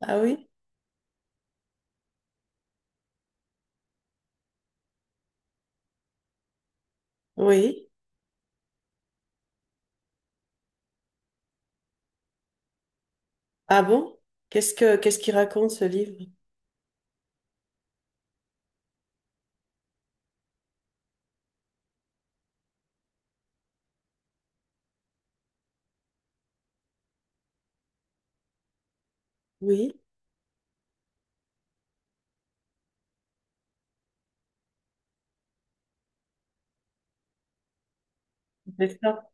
Ah oui? Oui. Ah bon? Qu'est-ce qu'il raconte ce livre? Oui, c'est ça.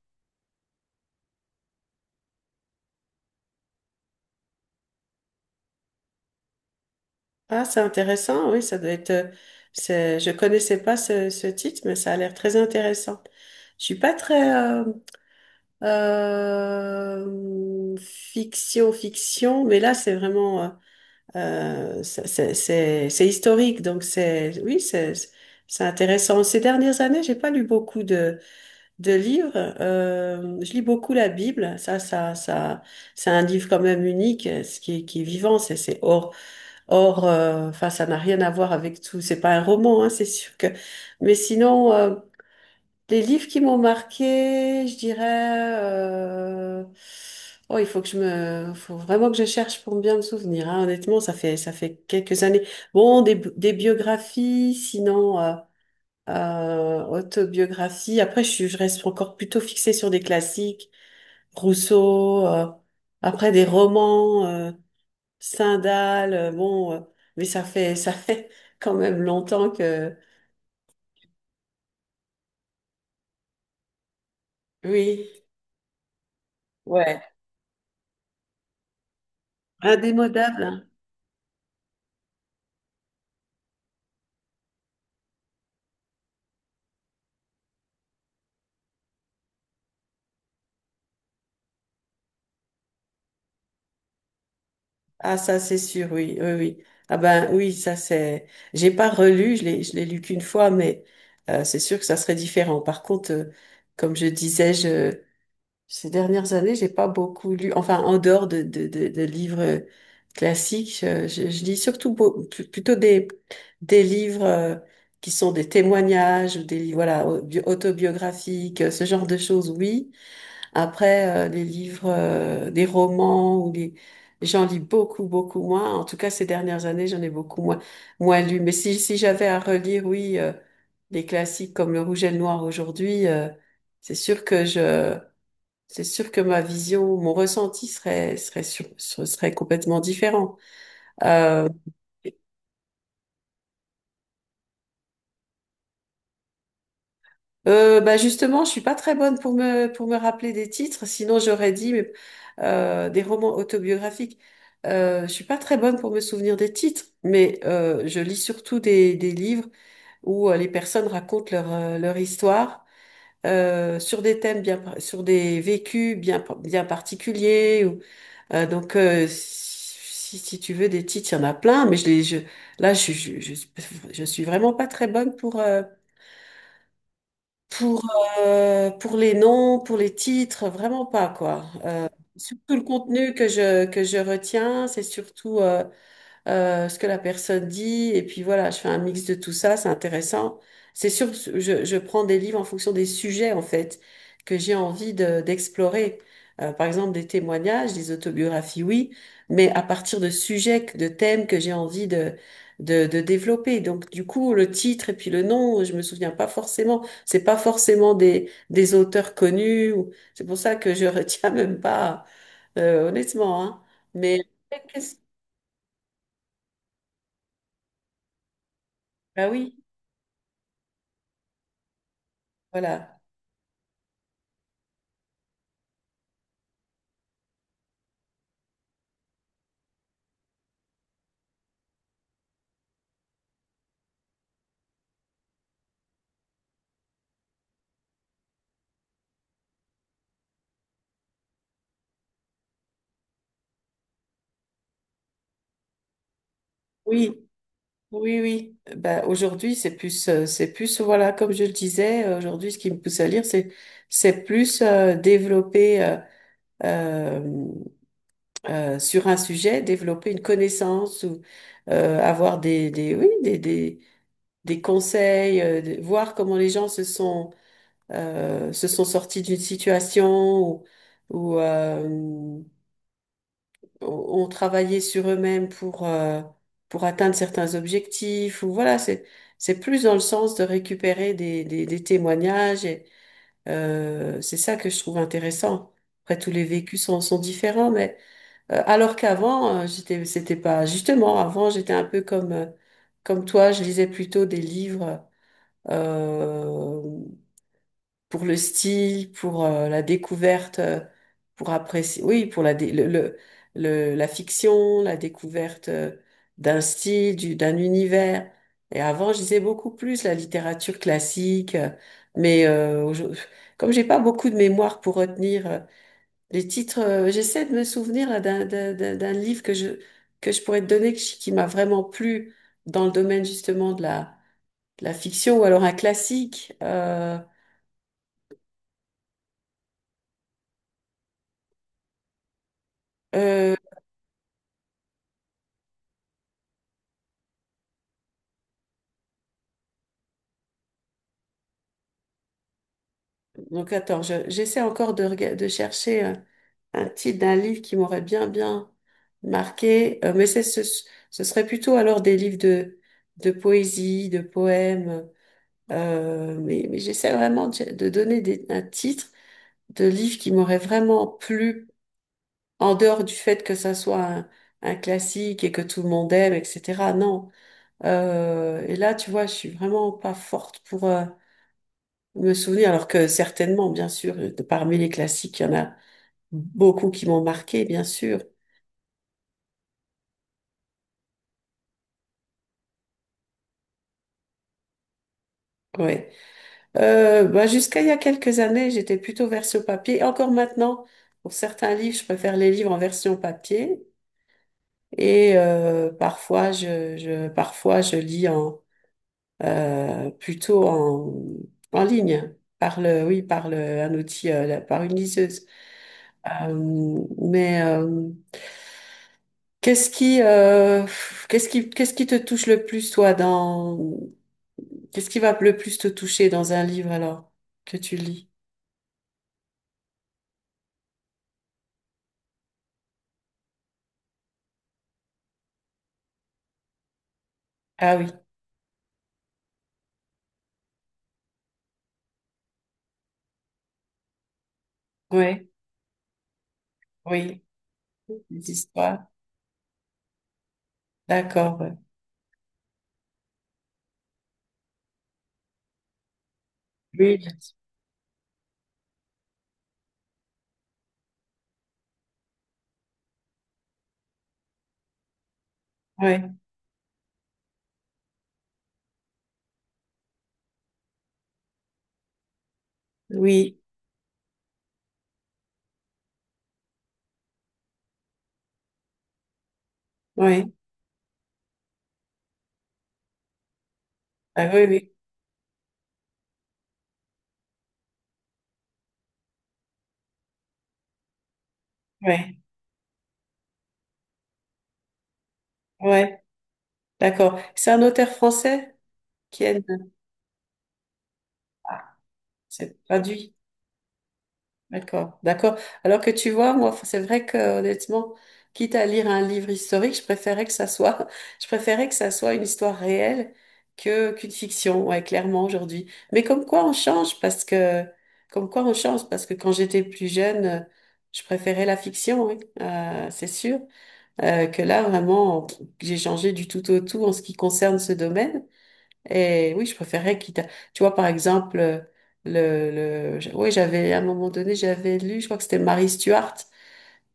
Ah, c'est intéressant, oui, ça doit être. Je connaissais pas ce titre, mais ça a l'air très intéressant. Je suis pas très fiction, fiction, mais là c'est vraiment c'est historique, donc c'est oui, c'est intéressant. Ces dernières années, j'ai pas lu beaucoup de livres. Je lis beaucoup la Bible. Ça, c'est un livre quand même unique, ce qui est vivant. C'est hors. Enfin, ça n'a rien à voir avec tout. C'est pas un roman, hein, c'est sûr que. Mais sinon, les livres qui m'ont marqué, je dirais. Oh, il faut que faut vraiment que je cherche pour bien me souvenir. Hein. Honnêtement, ça fait quelques années. Bon, des biographies, sinon. Autobiographie. Après, je reste encore plutôt fixée sur des classiques, Rousseau, après des romans, Stendhal, bon, mais ça fait, ça fait quand même longtemps que, oui, ouais, indémodable. Hein. Ah, ça, c'est sûr, oui, oui, oui. Ah ben, oui, ça, c'est, j'ai pas relu, je l'ai lu qu'une fois, mais c'est sûr que ça serait différent. Par contre, comme je disais, je ces dernières années, j'ai pas beaucoup lu, enfin, en dehors de livres classiques, je lis surtout plutôt des livres qui sont des témoignages ou des livres, voilà, autobiographiques, ce genre de choses, oui. Après, les livres, des romans ou les, j'en lis beaucoup, beaucoup moins. En tout cas, ces dernières années, j'en ai beaucoup moins lu. Mais si j'avais à relire, oui, des classiques comme Le Rouge et le Noir aujourd'hui, c'est sûr que je c'est sûr que ma vision, mon ressenti ce serait complètement différent. Euh, Bah justement, je suis pas très bonne pour me rappeler des titres, sinon j'aurais dit, mais des romans autobiographiques. Je suis pas très bonne pour me souvenir des titres, mais je lis surtout des livres où les personnes racontent leur histoire sur des thèmes sur des vécus bien particuliers. Donc, si, si tu veux des titres, il y en a plein, mais là, je suis vraiment pas très bonne pour, pour les noms, pour les titres, vraiment pas, quoi. Surtout le contenu que je retiens, c'est surtout, ce que la personne dit, et puis voilà, je fais un mix de tout ça, c'est intéressant. C'est sûr, je prends des livres en fonction des sujets, en fait, que j'ai envie d'explorer. Par exemple, des témoignages, des autobiographies, oui, mais à partir de sujets, de thèmes que j'ai envie de développer. Donc, du coup, le titre et puis le nom, je me souviens pas forcément. C'est pas forcément des auteurs connus. C'est pour ça que je retiens même pas, honnêtement, hein. Mais qu'est-ce- bah oui. Voilà. Oui, oui, oui. Ben, aujourd'hui, c'est plus, voilà, comme je le disais, aujourd'hui, ce qui me pousse à lire, c'est, plus développer euh, sur un sujet, développer une connaissance ou avoir des, oui, des conseils, voir comment les gens se sont sortis d'une situation ou, ou, ont ont travaillé sur eux-mêmes pour atteindre certains objectifs, ou voilà, c'est plus dans le sens de récupérer des témoignages, et c'est ça que je trouve intéressant. Après, tous les vécus sont différents, mais alors qu'avant, j'étais, c'était pas, justement, avant, j'étais un peu comme, comme toi, je lisais plutôt des livres. euh, pour le style, pour la découverte, pour apprécier, oui, la fiction, la découverte d'un style, d'un univers. Et avant, je lisais beaucoup plus la littérature classique, mais comme j'ai pas beaucoup de mémoire pour retenir les titres, j'essaie de me souvenir là, d'un livre que je pourrais te donner qui m'a vraiment plu dans le domaine justement de la fiction ou alors un classique. Euh, Donc attends, j'essaie encore de chercher un titre d'un livre qui m'aurait bien bien marqué. Mais ce serait plutôt alors des livres de poésie, de poèmes. Mais j'essaie vraiment de donner un titre de livre qui m'aurait vraiment plu en dehors du fait que ça soit un classique et que tout le monde aime, etc. Non. Et là, tu vois, je suis vraiment pas forte pour me souvenir, alors que certainement, bien sûr, parmi les classiques, il y en a beaucoup qui m'ont marqué, bien sûr. Ouais. Bah, jusqu'à il y a quelques années, j'étais plutôt version papier. Encore maintenant, pour certains livres, je préfère les livres en version papier. Et parfois, parfois, je lis plutôt en ligne, oui, un outil, par une liseuse. Mais qu'est-ce qui, euh, qu'est-ce qui te touche le plus, toi, dans qu'est-ce qui va le plus te toucher dans un livre alors que tu lis? Ah oui, oui, oui, les histoires. D'accord. Ouais. Oui, bien sûr. Ouais, oui, oui, ah oui, oui, oui. Ouais, d'accord. C'est un auteur français qui aide. Ah, c'est traduit. D'accord, d'accord. Alors que tu vois, moi, c'est vrai que honnêtement, quitte à lire un livre historique, je préférais que ça soit, je préférais que ça soit une histoire réelle que qu'une fiction, ouais, clairement aujourd'hui. Mais comme quoi on change, parce que, comme quoi on change, parce que quand j'étais plus jeune, je préférais la fiction, oui, c'est sûr, que là vraiment, j'ai changé du tout au tout en ce qui concerne ce domaine. Et oui, je préférais quitte à... Tu vois, par exemple, le, oui, j'avais, à un moment donné, j'avais lu, je crois que c'était Mary Stuart.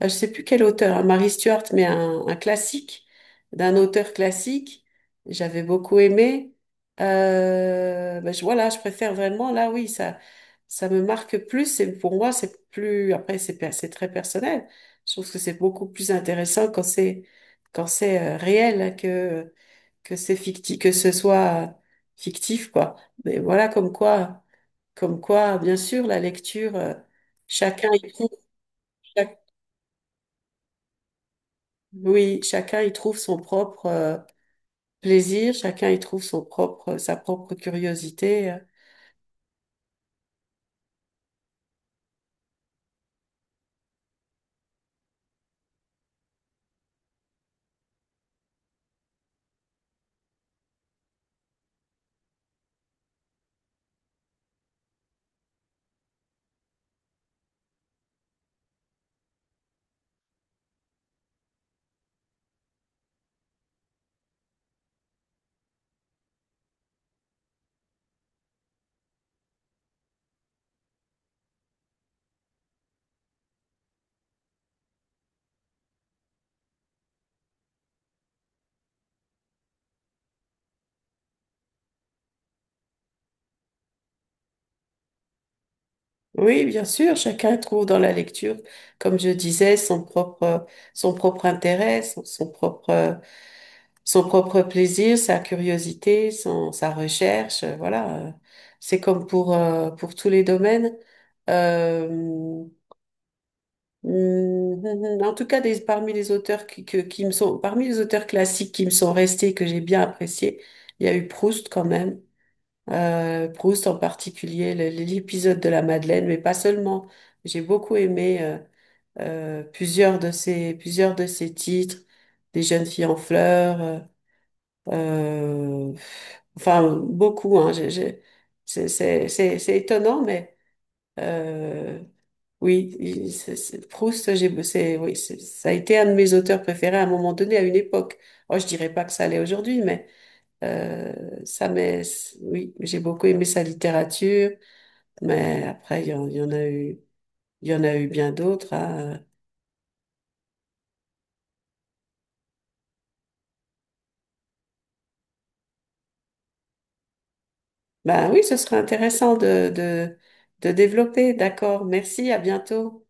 Je sais plus quel auteur, hein, Mary Stuart, mais un classique, d'un auteur classique. J'avais beaucoup aimé. Ben, voilà, je préfère vraiment, là, oui, ça me marque plus. Et pour moi, c'est plus... Après, c'est très personnel. Je trouve que c'est beaucoup plus intéressant quand c'est réel hein, que c'est fictif, que ce soit fictif, quoi. Mais voilà, comme quoi, bien sûr, la lecture, chacun y trouve, chac- oui, chacun y trouve son propre plaisir, chacun y trouve son propre, sa propre curiosité. Oui, bien sûr, chacun trouve dans la lecture, comme je disais, son propre intérêt, son propre plaisir, sa curiosité, son, sa recherche, voilà. C'est comme pour tous les domaines. Euh, en tout cas, parmi les auteurs qui me sont, parmi les auteurs classiques qui me sont restés, que j'ai bien appréciés, il y a eu Proust quand même. Proust en particulier, l'épisode de la Madeleine, mais pas seulement. J'ai beaucoup aimé plusieurs de ses titres, Des jeunes filles en fleurs. Euh, enfin, beaucoup, hein. C'est étonnant, mais euh, oui, Proust, oui, ça a été un de mes auteurs préférés à un moment donné, à une époque. Oh, je dirais pas que ça l'est aujourd'hui, mais euh, ça m'est, oui, j'ai beaucoup aimé sa littérature, mais après, il y en a eu bien d'autres. Hein. Ben oui, ce serait intéressant de développer. D'accord, merci, à bientôt.